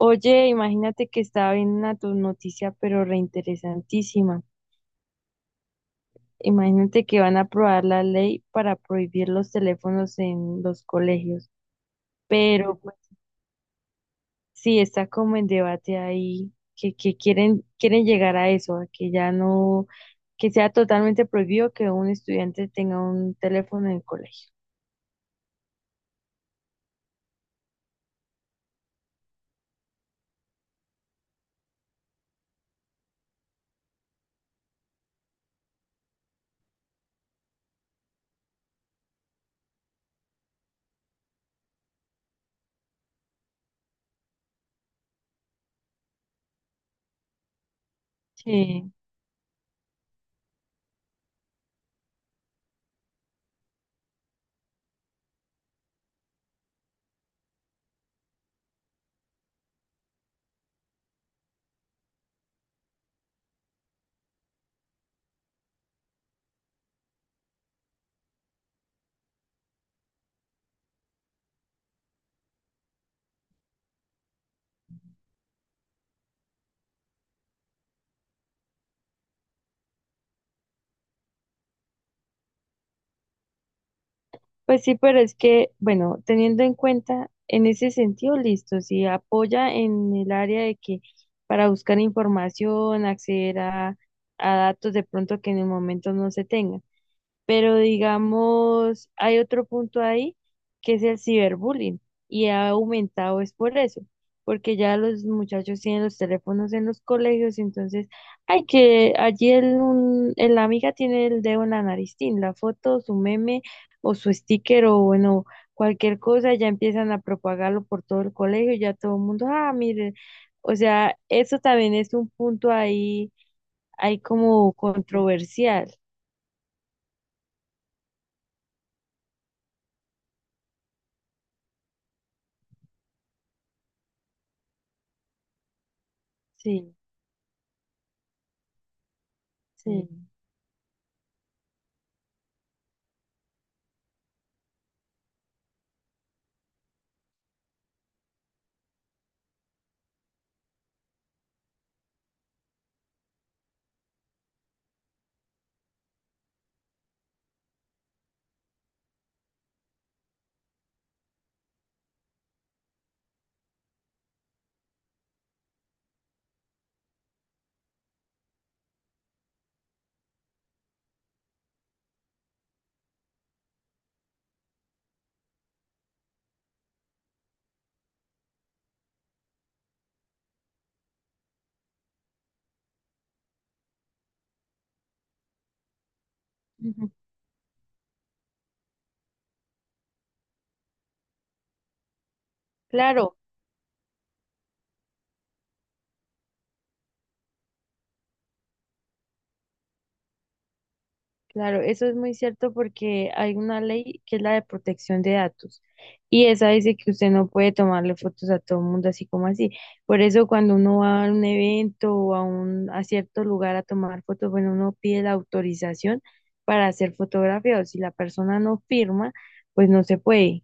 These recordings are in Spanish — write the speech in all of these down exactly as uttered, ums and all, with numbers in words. Oye, imagínate que estaba viendo una tu- noticia, pero reinteresantísima. Imagínate que van a aprobar la ley para prohibir los teléfonos en los colegios. Pero pues, sí, está como en debate ahí, que, que quieren, quieren llegar a eso, a que ya no, que sea totalmente prohibido que un estudiante tenga un teléfono en el colegio. Sí. Pues sí, pero es que, bueno, teniendo en cuenta en ese sentido, listo, si apoya en el área de que para buscar información, acceder a, a datos de pronto que en el momento no se tengan. Pero digamos, hay otro punto ahí que es el ciberbullying y ha aumentado es por eso, porque ya los muchachos tienen los teléfonos en los colegios, entonces hay que allí el, un- el- la amiga tiene el dedo en la nariz, tin, la foto, su meme o su sticker o bueno, cualquier cosa, ya empiezan a propagarlo por todo el colegio, ya todo el mundo, ah, mire, o sea, eso también es un punto ahí, ahí como controversial, sí, sí. Sí. Ujú. Claro, claro, eso es muy cierto porque hay una ley que es la de protección de datos y esa dice que usted no puede tomarle fotos a todo el mundo así como así. Por eso cuando uno va a un evento o a un a cierto lugar a tomar fotos, bueno, uno pide la autorización para hacer ser fotografiado. Si la persona no firma, pues no se puede,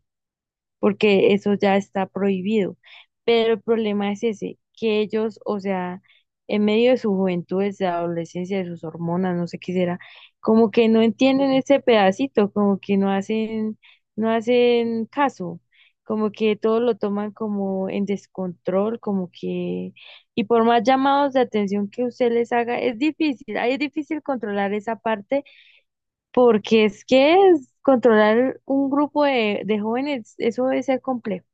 porque eso ya está prohibido. Pero el problema es ese, que ellos, o sea, en medio de su juventud, de su adolescencia, de sus hormonas, no sé qué será, como que no entienden ese pedacito, como que no hacen, no hacen caso, como que todo lo toman como en descontrol, como que, y por más llamados de atención que usted les haga, es difícil, ahí es difícil controlar esa parte porque es que es- controlar un grupo de, de jóvenes, eso debe ser complejo.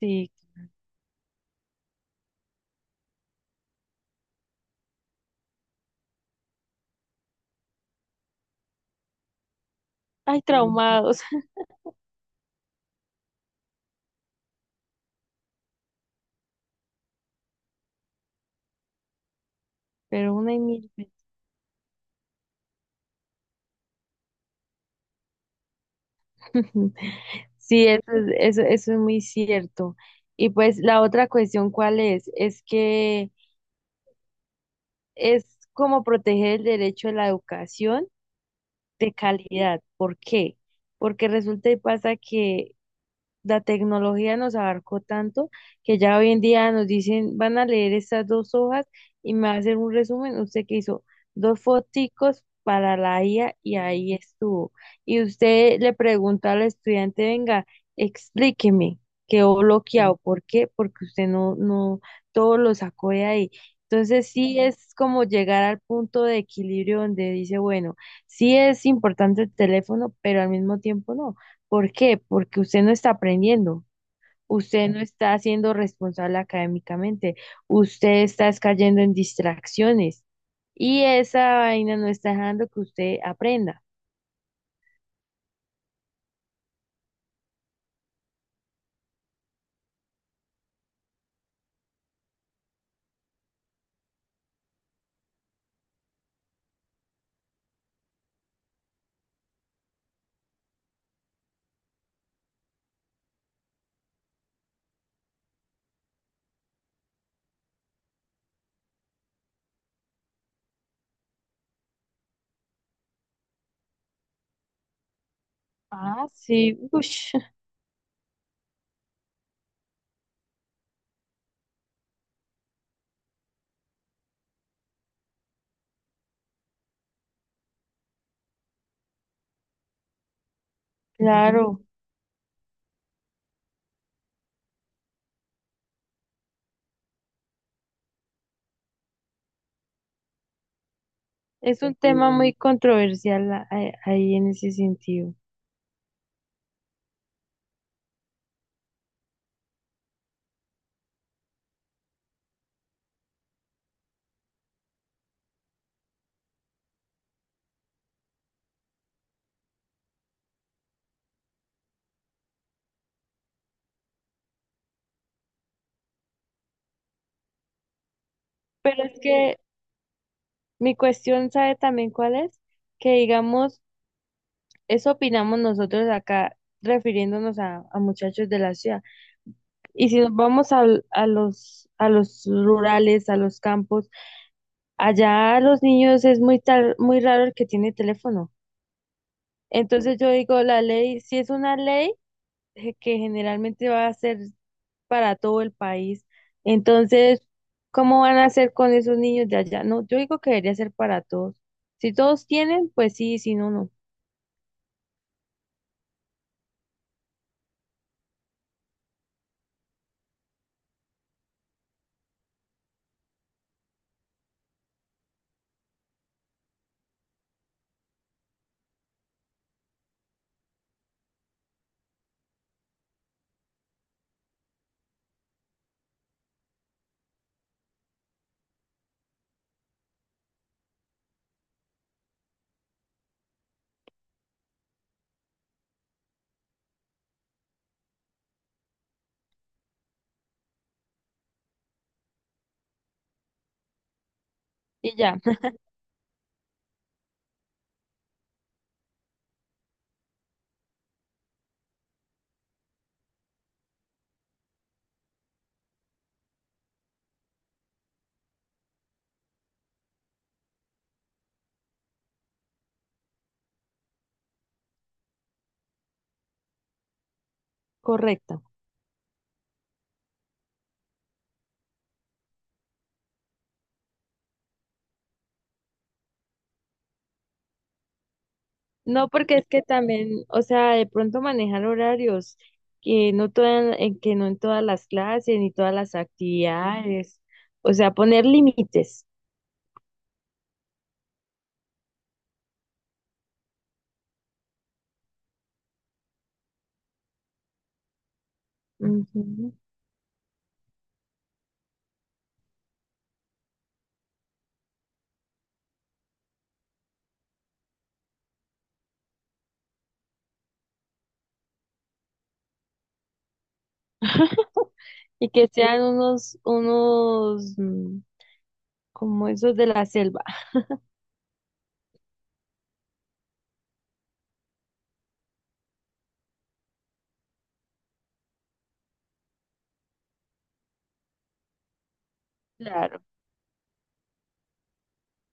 Sí, hay Sí, traumados, pero una y mil veces. Sí, eso, es- eso, eso es muy cierto. Y pues la otra cuestión, ¿cuál es? Es que es como proteger el derecho a la educación de calidad. ¿Por qué? Porque resulta y pasa que la tecnología nos abarcó tanto que ya hoy en día nos dicen, van a leer estas dos hojas y me va a hacer un resumen. Usted que hizo dos foticos para la I A y ahí estuvo. Y usted le pregunta al estudiante, venga, explíqueme, quedó bloqueado. ¿Por qué? Porque usted no, no, todo lo sacó de ahí. Entonces sí es como llegar al punto de equilibrio donde dice, bueno, sí es importante el teléfono, pero al mismo tiempo no. ¿Por qué? Porque usted no está aprendiendo, usted no está siendo responsable académicamente, usted está es cayendo en distracciones y esa vaina no está dejando que usted aprenda. Ah, sí, ush, claro, es un tema muy controversial a- a- ahí en ese sentido. Pero es que mi cuestión, ¿sabe también cuál es? Que digamos, eso opinamos nosotros acá refiriéndonos a a muchachos de la ciudad. Y si nos vamos a a, los, a los rurales, a los campos, allá los niños es muy, tar- muy raro el que tiene teléfono. Entonces yo digo, la ley, si es una ley eh, que generalmente va a ser para todo el país, entonces, ¿cómo van a hacer con esos niños de allá? No, yo digo que debería ser para todos. Si todos tienen, pues sí, si no, no. Y ya, correcta. No, porque es que también, o sea, de pronto manejar horarios que no toda- en que no en todas las clases ni todas las actividades, o sea, poner límites. Ujú. Y que sean unos, unos mm, como esos de la selva. Claro,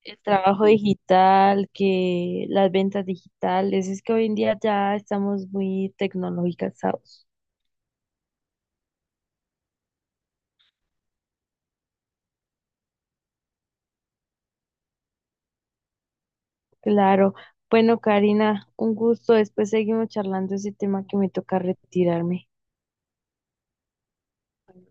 el trabajo digital, que las ventas digitales, es que hoy en día ya estamos muy tecnologizados. Claro. Bueno, Karina, un gusto. Después seguimos charlando ese tema que me toca retirarme.